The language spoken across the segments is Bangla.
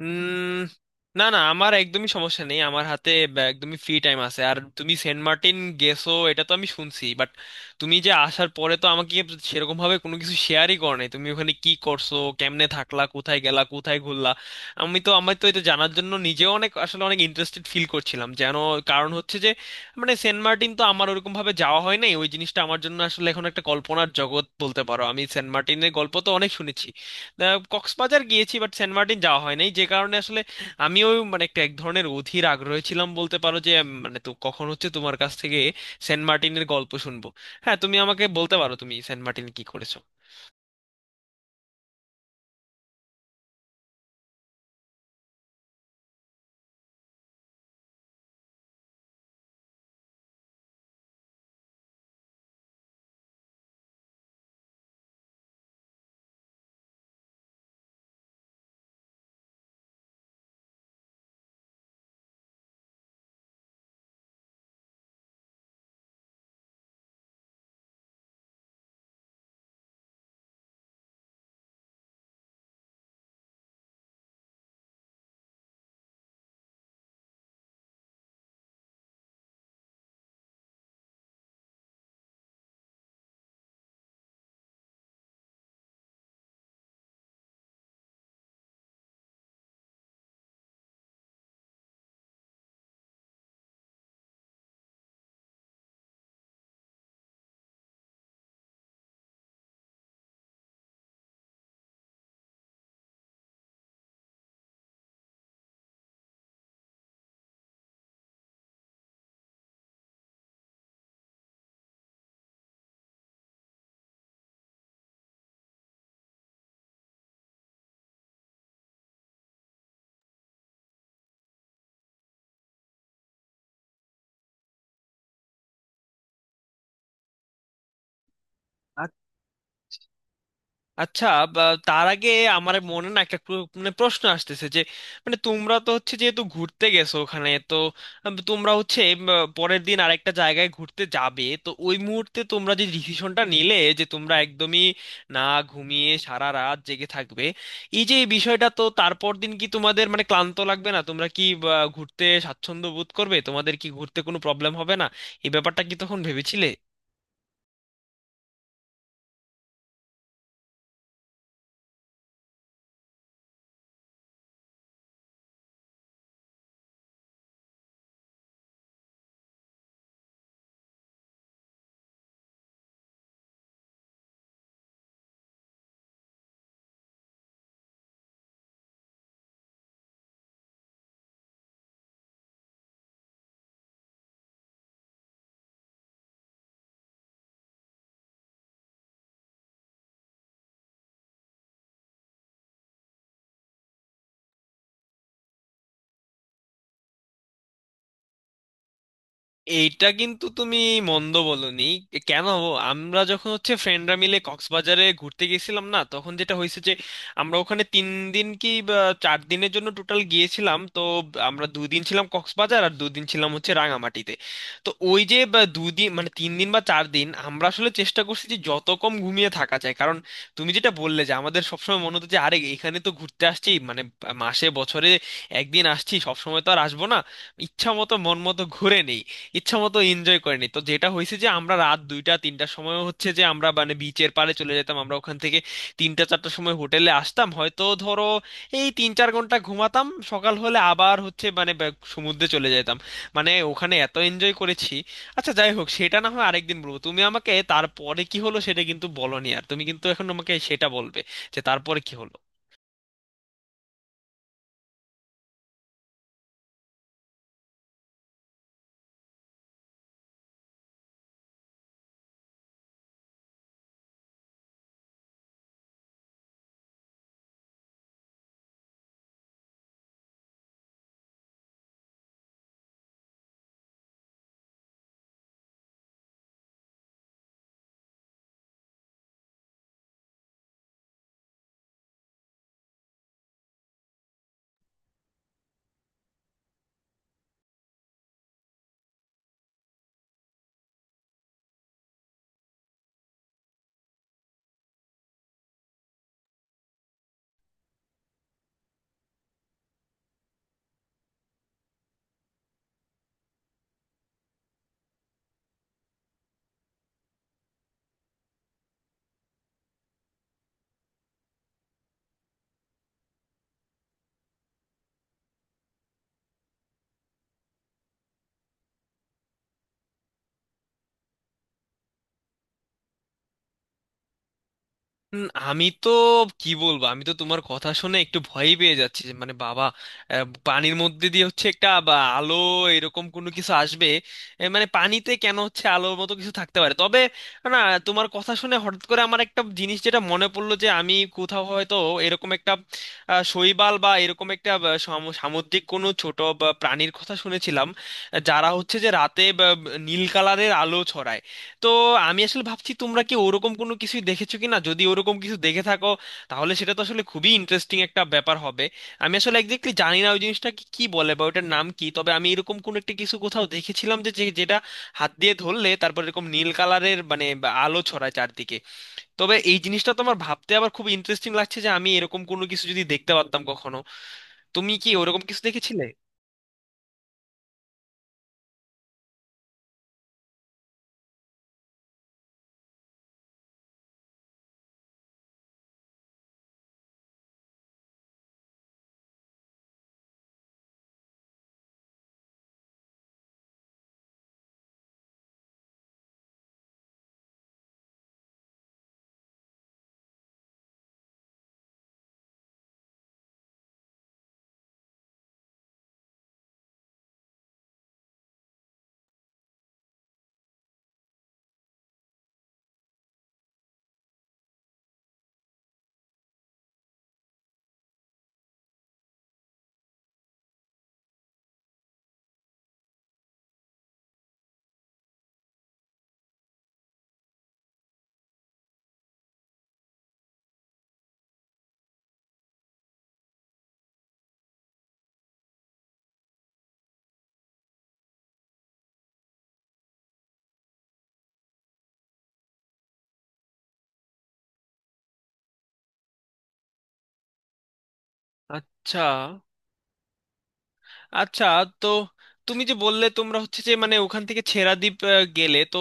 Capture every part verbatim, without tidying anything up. উম না না, আমার একদমই সমস্যা নেই। আমার হাতে বা- একদমই ফ্রি টাইম আছে। আর তুমি সেন্ট মার্টিন গেছো এটা তো আমি শুনছি, বাট তুমি যে আসার পরে তো আমাকে সেরকম ভাবে কোনো কিছু শেয়ারই করো নাই। তুমি ওখানে কি করছো, কেমনে থাকলা, কোথায় গেলা, কোথায় ঘুরলা? আমি তো আমার তো এটা জানার জন্য নিজেও অনেক আসলে অনেক ইন্টারেস্টেড ফিল করছিলাম যেন। কারণ হচ্ছে যে মানে সেন্ট মার্টিন তো আমার ওরকম ভাবে যাওয়া হয় নাই। ওই জিনিসটা আমার জন্য আসলে এখন একটা কল্পনার জগৎ বলতে পারো। আমি সেন্ট মার্টিনের গল্প তো অনেক শুনেছি। আহ, কক্সবাজার গিয়েছি, বাট সেন্ট মার্টিন যাওয়া হয় নাই। যে কারণে আসলে আমিও মানে একটা এক ধরনের অধীর আগ্রহে ছিলাম বলতে পারো যে উম, মানে তো কখন হচ্ছে তোমার কাছ থেকে সেন্ট মার্টিনের গল্প শুনবো। হ্যাঁ, তুমি আমাকে বলতে পারো, তুমি সেন্ট মার্টিন কি করেছো। আচ্ছা। বা, তার আগে আমার মনে না একটা প্র- মানে প্রশ্ন আসতেছে যে মানে তোমরা তো হচ্ছে যেহেতু ঘুরতে গেছো ওখানে, তো আম, তোমরা হচ্ছে উম, পরের দিন আরেকটা জায়গায় ঘুরতে যাবে, তো ওই মুহূর্তে তোমরা যে ডিসিশনটা নিলে যে তোমরা একদমই না ঘুমিয়ে সারা রাত জেগে থাকবে, এই যে এই বিষয়টা, তো তারপর দিন কি তোমাদের মানে ক্লান্ত লাগবে না? তোমরা কি বা, ঘুরতে স্বাচ্ছন্দ্য বোধ করবে? তোমাদের কি ঘুরতে কোনো প্রবলেম হবে না? এই ব্যাপারটা কি তখন ভেবেছিলে? এইটা কিন্তু তুমি মন্দ বলনি। কেন? আমরা যখন হচ্ছে ফ্রেন্ডরা মিলে কক্সবাজারে ঘুরতে গেছিলাম না, তখন যেটা হয়েছে যে আমরা ওখানে তিন দিন কি বা চার দিনের জন্য টোটাল গিয়েছিলাম। তো আমরা দুদিন ছিলাম কক্সবাজার আর দুদিন ছিলাম হচ্ছে রাঙামাটিতে। তো ওই যে বা দুদিন মানে তিন দিন বা চার দিন আমরা আসলে চেষ্টা করছি যে যত কম ঘুমিয়ে থাকা যায়। কারণ তুমি যেটা বললে যে আমাদের সবসময় মনে হতো যে আরে, এখানে তো ঘুরতে আসছি মানে মাসে বছরে একদিন আসছি, সবসময় তো আর আসবো না। ইচ্ছা মতো মন মতো ঘুরে নেই, ইচ্ছা মতো এনজয় করেনি। তো যেটা হয়েছে যে আমরা রাত দুইটা তিনটার সময় হচ্ছে যে আমরা মানে বিচের পাড়ে চলে যেতাম। আমরা ওখান থেকে তিনটা চারটার সময় হোটেলে আসতাম, হয়তো ধরো এই তিন চার ঘন্টা ঘুমাতাম। সকাল হলে আবার হচ্ছে মানে ব্যাক সমুদ্রে চলে যেতাম। মানে ওখানে এত এনজয় করেছি। আচ্ছা যাই হোক, সেটা না হয় আরেকদিন বলবো। তুমি আমাকে তারপরে কি হলো সেটা কিন্তু বলোনি। আর তুমি কিন্তু এখন আমাকে সেটা বলবে, যে তারপরে কি হলো। উম, আমি তো কি বলবো, আমি তো তোমার কথা শুনে একটু ভয়ই পেয়ে যাচ্ছি যে মানে বাবা, আহ, পানির মধ্যে দিয়ে হচ্ছে একটা বা আলো, এরকম কোনো কিছু আসবে? এ, মানে পানিতে কেন হচ্ছে আলোর মতো কিছু থাকতে পারে, তবে না, তোমার কথা শুনে হঠাৎ করে আমার একটা জিনিস যেটা মনে পড়লো যে আমি কোথাও হয়তো এরকম একটা আহ, শৈবাল বা এরকম একটা আহ, সামু- সামুদ্রিক কোনো ছোট বা প্রাণীর কথা শুনেছিলাম, আহ, যারা হচ্ছে যে রাতে বা, নীল কালারের আলো ছড়ায়। তো আমি আসলে ভাবছি তোমরা কি ওরকম কোনো কিছুই দেখেছো কিনা। যদি ওরকম কিছু দেখে থাকো, তাহলে সেটা তো আসলে খুবই ইন্টারেস্টিং একটা ব্যাপার হবে। আমি আসলে একজাক্টলি জানি না ওই জিনিসটাকে কি বলে বা ওটার নাম কি, তবে আমি এরকম কোনো একটা কিছু কোথাও দেখেছিলাম যে যে- যেটা হাত দিয়ে ধরলে তারপর এরকম নীল কালারের মানে বা আলো ছড়ায় চারদিকে। তবে এই জিনিসটা তো আমার ভাবতে আবার খুব ইন্টারেস্টিং লাগছে যে আমি এরকম কোনো কিছু যদি দেখতে পারতাম কখনো। তুমি কি ওরকম কিছু দেখেছিলে? আচ্ছা আচ্ছা। তো তুমি যে বললে তোমরা হচ্ছে যে মানে ওখান থেকে ছেড়াদ্বীপ আহ, গেলে, তো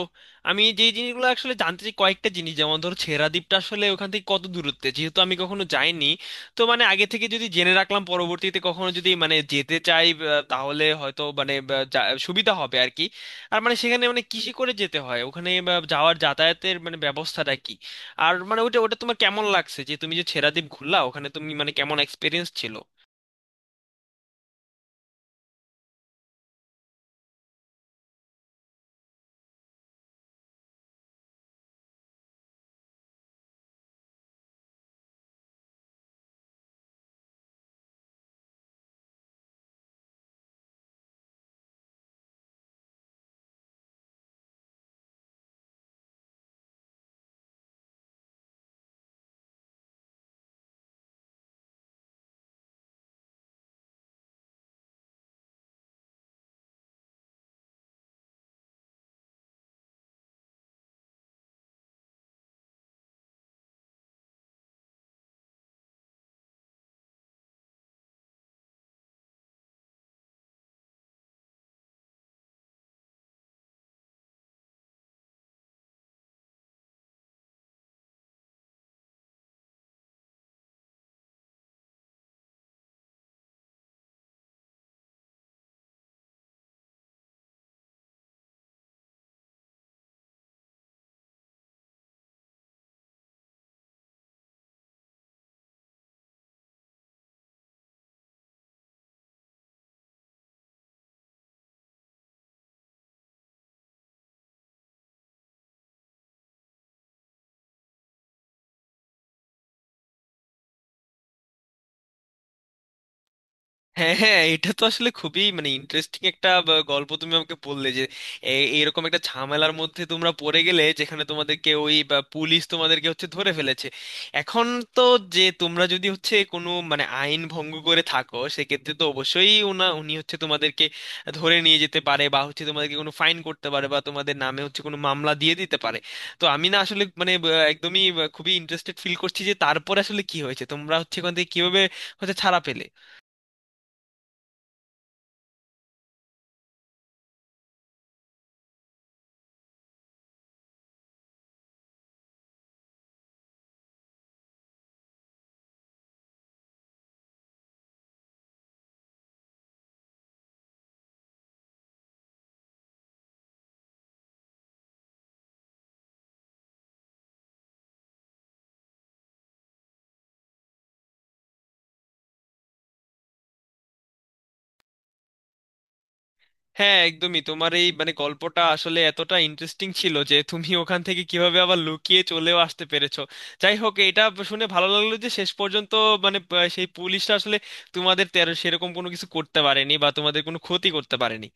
আমি যে জিনিসগুলো আসলে জানতে চাই কয়েকটা জিনিস, যেমন ধরো ছেড়াদ্বীপটা আসলে ওখান থেকে কত দূরত্বে, যেহেতু আমি কখনো যাইনি। তো মানে আগে থেকে যদি জেনে রাখলাম পরবর্তীতে কখনো যদি মানে যেতে চাই, আহ, তাহলে হয়তো মানে আহ, যা- সুবিধা হবে আর কি। আর মানে সেখানে মানে কিসে করে যেতে হয় ওখানে, আহ, যাওয়ার যাতায়াতের মানে ব্যবস্থাটা কি। আর মানে ওটা ওটা তোমার কেমন লাগছে যে তুমি যে ছেড়াদ্বীপ ঘুরলা, ওখানে তুমি মানে কেমন এক্সপিরিয়েন্স ছিল। হ্যাঁ হ্যাঁ, এটা তো আসলে খুবই মানে ইন্টারেস্টিং একটা ব- গল্প তুমি আমাকে বললে, যে এ- এইরকম একটা ঝামেলার মধ্যে তোমরা পড়ে গেলে, যেখানে তোমাদেরকে ওই বা পুলিশ তোমাদেরকে হচ্ছে ধরে ফেলেছে। এখন তো যে তোমরা যদি হচ্ছে কোনো মানে আইন ভঙ্গ করে থাকো, সেক্ষেত্রে তো অবশ্যই উনা উনি হচ্ছে তোমাদেরকে ধরে নিয়ে যেতে পারে বা হচ্ছে তোমাদেরকে কোনো ফাইন করতে পারে বা তোমাদের নামে হচ্ছে কোনো মামলা দিয়ে দিতে পারে। তো আমি না আসলে মানে ব- একদমই ব- খুবই ইন্টারেস্টেড ফিল করছি যে তারপর আসলে কি হয়েছে, তোমরা হচ্ছে ওখান থেকে কিভাবে হচ্ছে ছাড়া পেলে। হ্যাঁ একদমই, তোমার এই মানে গল্পটা আসলে এতটা ইন্টারেস্টিং ছিল যে তুমি ওখান থেকে কিভাবে আবার লুকিয়ে চলেও আসতে পেরেছো। যাই হোক, এটা শুনে ভালো লাগলো যে শেষ পর্যন্ত মানে আহ, সেই পুলিশটা আসলে তোমাদের তেরো সেরকম কোনো কিছু করতে পারেনি বা তোমাদের কোনো ক্ষতি করতে পারেনি।